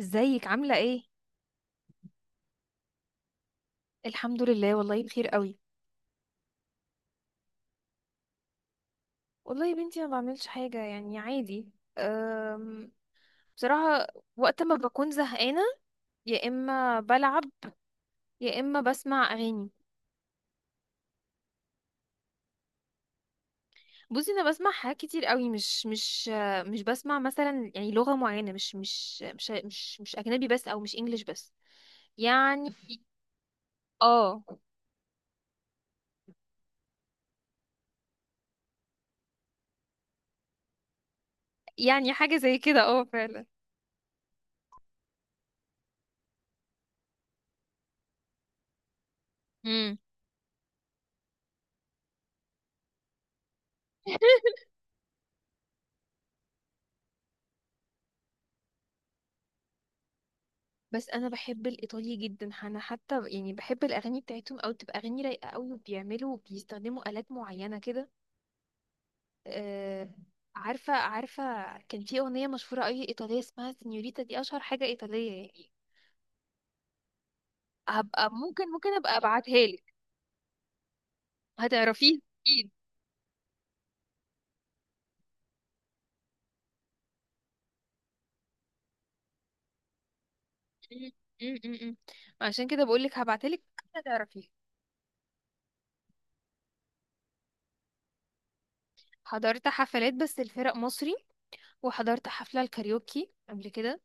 ازيك عاملة ايه؟ الحمد لله والله بخير قوي. والله يا بنتي ما بعملش حاجة يعني عادي. أم... بصراحة، وقت ما بكون زهقانة يا اما بلعب يا اما بسمع اغاني. بصي، انا بسمع حاجات كتير قوي، مش مش بسمع مثلا يعني لغة معينة، مش اجنبي بس او مش انجليش بس يعني. اه، يعني حاجة زي كده اه فعلا. امم. بس انا بحب الايطالي جدا، انا حتى يعني بحب الاغاني بتاعتهم، او تبقى اغاني رايقه قوي وبيعملوا بيستخدموا الات معينه كده. أه، عارفه عارفه. كان في اغنيه مشهوره قوي ايطاليه اسمها سينيوريتا، دي اشهر حاجه ايطاليه يعني. هبقى ممكن ابقى ابعتها لك، هتعرفيه اكيد. م- م- م- م. عشان كده بقول لك هبعتها لك، هتعرفيه. حضرت حفلات بس الفرق مصري، وحضرت حفله الكاريوكي قبل كده.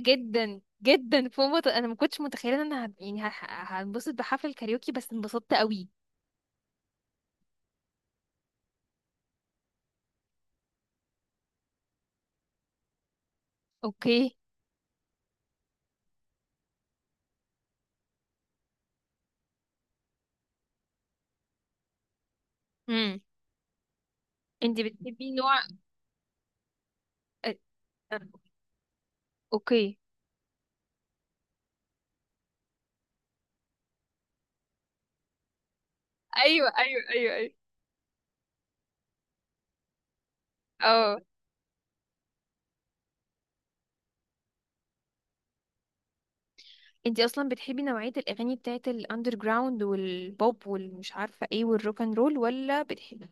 جدا جدا، انا ما كنتش متخيله ان يعني هنبسط بحفل كاريوكي، بس انبسطت قوي. اوكي. امم. انت بتحبي نوع أ- أ- اوكي. ايوه ايوه ايوه ايوه، اه. انت اصلا بتحبي نوعيه الاغاني بتاعت الاندر جراوند والبوب والمش عارفه ايه والروك اند رول، ولا بتحبي؟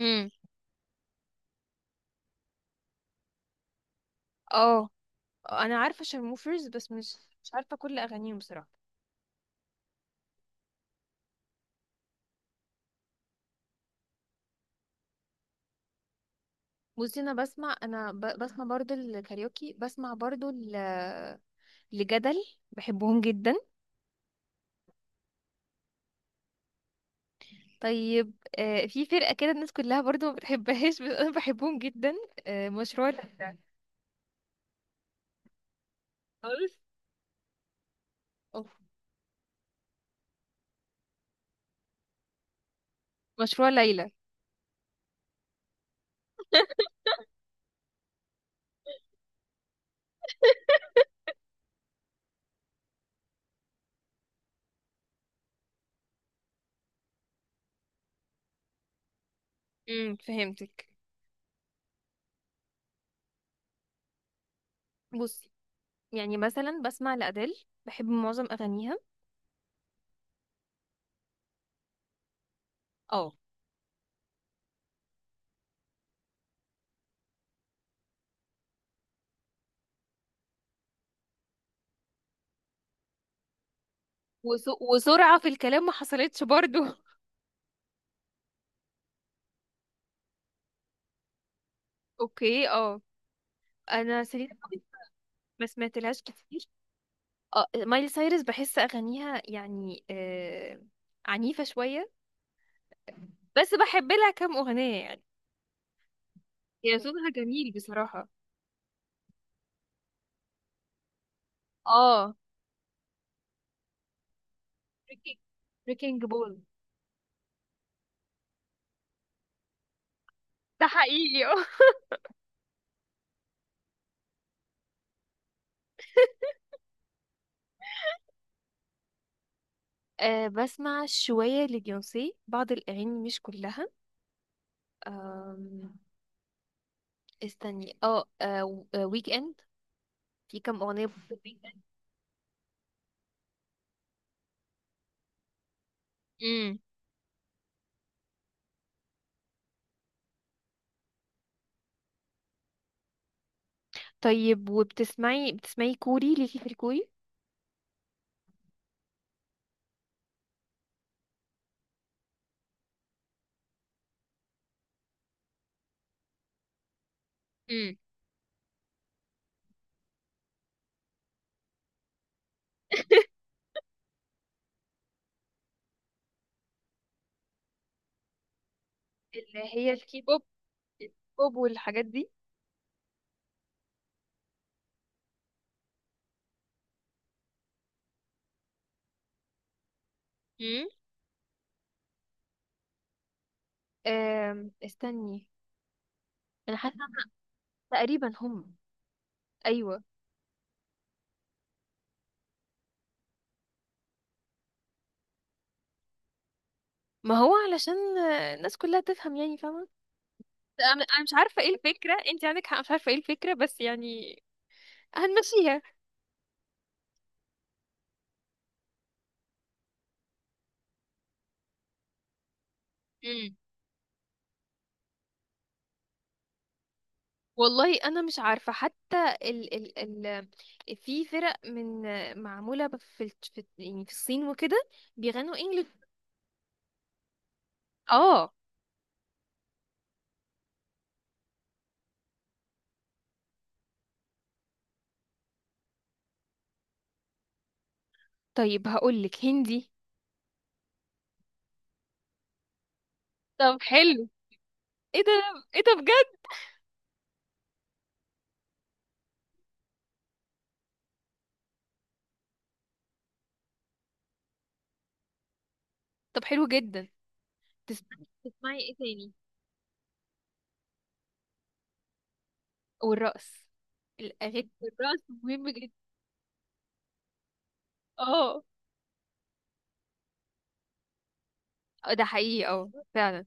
امم. اه، انا عارفه شارموفرز، بس مش مش عارفه كل اغانيهم بصراحه. بصي، انا بسمع، بسمع برضو الكاريوكي، بسمع برضو لجدل، بحبهم جدا. طيب. آه، في فرقة كده الناس كلها برضو ما بتحبهاش بس أنا بحبهم جدا، آه مشروع ليلى. خالص. أوف. مشروع ليلى. فهمتك. بصي، يعني مثلا بسمع لأديل، بحب معظم أغانيها. اه. وسرعة في الكلام ما حصلتش برضو. اوكي اه. انا سيلينا جوميز ما سمعتلهاش كتير. اه مايلي سايرس، بحس اغانيها يعني آه عنيفة شوية، بس بحب لها كام اغنية يعني. يا صوتها جميل بصراحة. اه بريكنج، بريكنج بول ده حقيقي. اه. آه، بسمع شوية لبيونسي، بعض الأغاني مش كلها. آم، استني اه. آه، ويك اند. في كام أغنية في الويك اند. امم. طيب، وبتسمعي كوري، ليكي في الكوري؟ امم. اللي هي الكي بوب، البوب والحاجات دي. امم. آم، استني. أنا حاسة تقريبا هم. أيوة. ما هو علشان الناس كلها تفهم يعني فاهمة. انا مش عارفه ايه الفكره، انت عندك حق، مش عارفه ايه الفكره، بس يعني هنمشيها. امم. والله انا مش عارفه حتى. ال ال ال في فرق من معموله في يعني في الصين وكده بيغنوا انجلش. اه. طيب هقول لك هندي. طب حلو، ايه ده، ايه ده بجد. طب حلو جدا. تسمعي، تسمعي ايه تاني. والرقص، الاغاني، الرقص مهم جدا. اه ده حقيقي اه فعلا.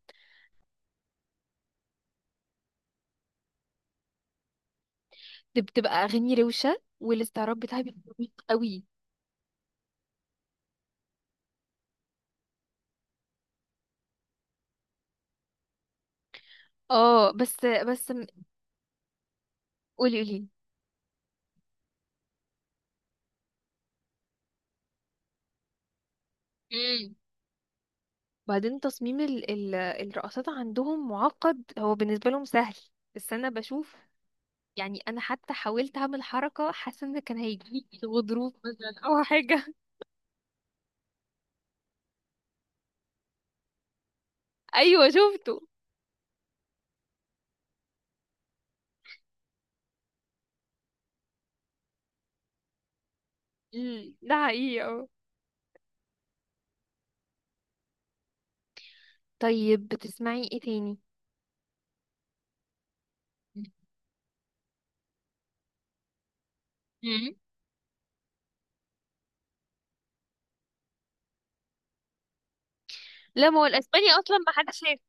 دي بتبقى اغاني روشه والاستعراض بتاعها بيبقى عميق قوي. اه، بس بس قولي قولي. امم. بعدين تصميم ال ال الرقصات عندهم معقد، هو بالنسبه لهم سهل بس انا بشوف. يعني انا حتى حاولت اعمل حركه، حاسه ان كان هيجيلي غضروف مثلا او حاجه. ايوه شفته. مم، ده حقيقي اه. طيب بتسمعي ايه تاني؟ مم. لا، ما هو الاسباني اصلا ما حدش شاف.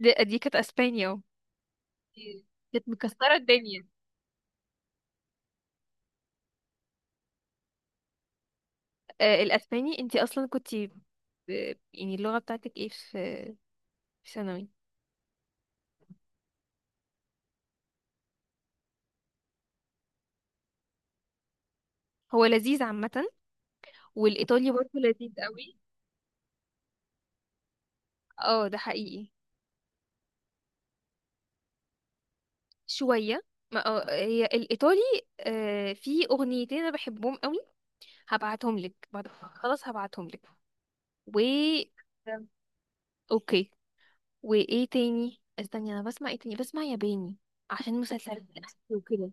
دي كانت اسبانيا اهو، كانت مكسره الدنيا. آه، الاسباني، انتي اصلا كنت يعني اللغه بتاعتك ايه في في ثانوي؟ هو لذيذ عامه، والايطالي برضه لذيذ قوي. اه ده حقيقي. شويه. ما هي الايطالي. آه، في اغنيتين انا بحبهم قوي، هبعتهم لك بعد، خلاص هبعتهم لك. و تمام. اوكي. وايه تاني، استني، انا بسمع ايه تاني؟ بسمع ياباني عشان مسلسلات. الأكل وكده.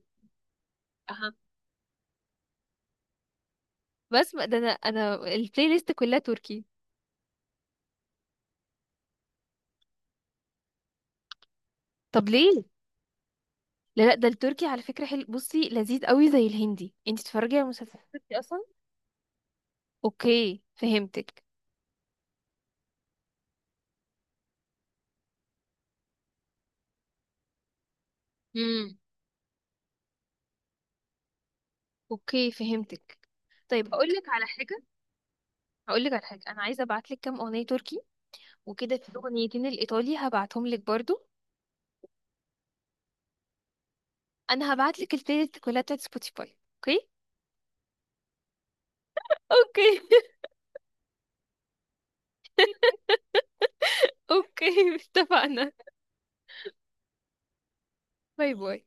اها. بسمع ده، انا البلاي ليست كلها تركي. طب ليه؟ لا لا، ده التركي على فكرة حلو، بصي لذيذ قوي زي الهندي، انت تتفرجي على مسلسلات تركي اصلا. اوكي فهمتك. امم. اوكي فهمتك. طيب هقول لك على حاجة، هقول لك على حاجة، انا عايزة ابعت لك كام اغنية تركي، وكده في اغنيتين الايطالي هبعتهم لك برضو. انا هبعت لك البلاي ليست كلها بتاعت سبوتيفاي، اوكي. اوكي. اوكي اتفقنا. باي باي.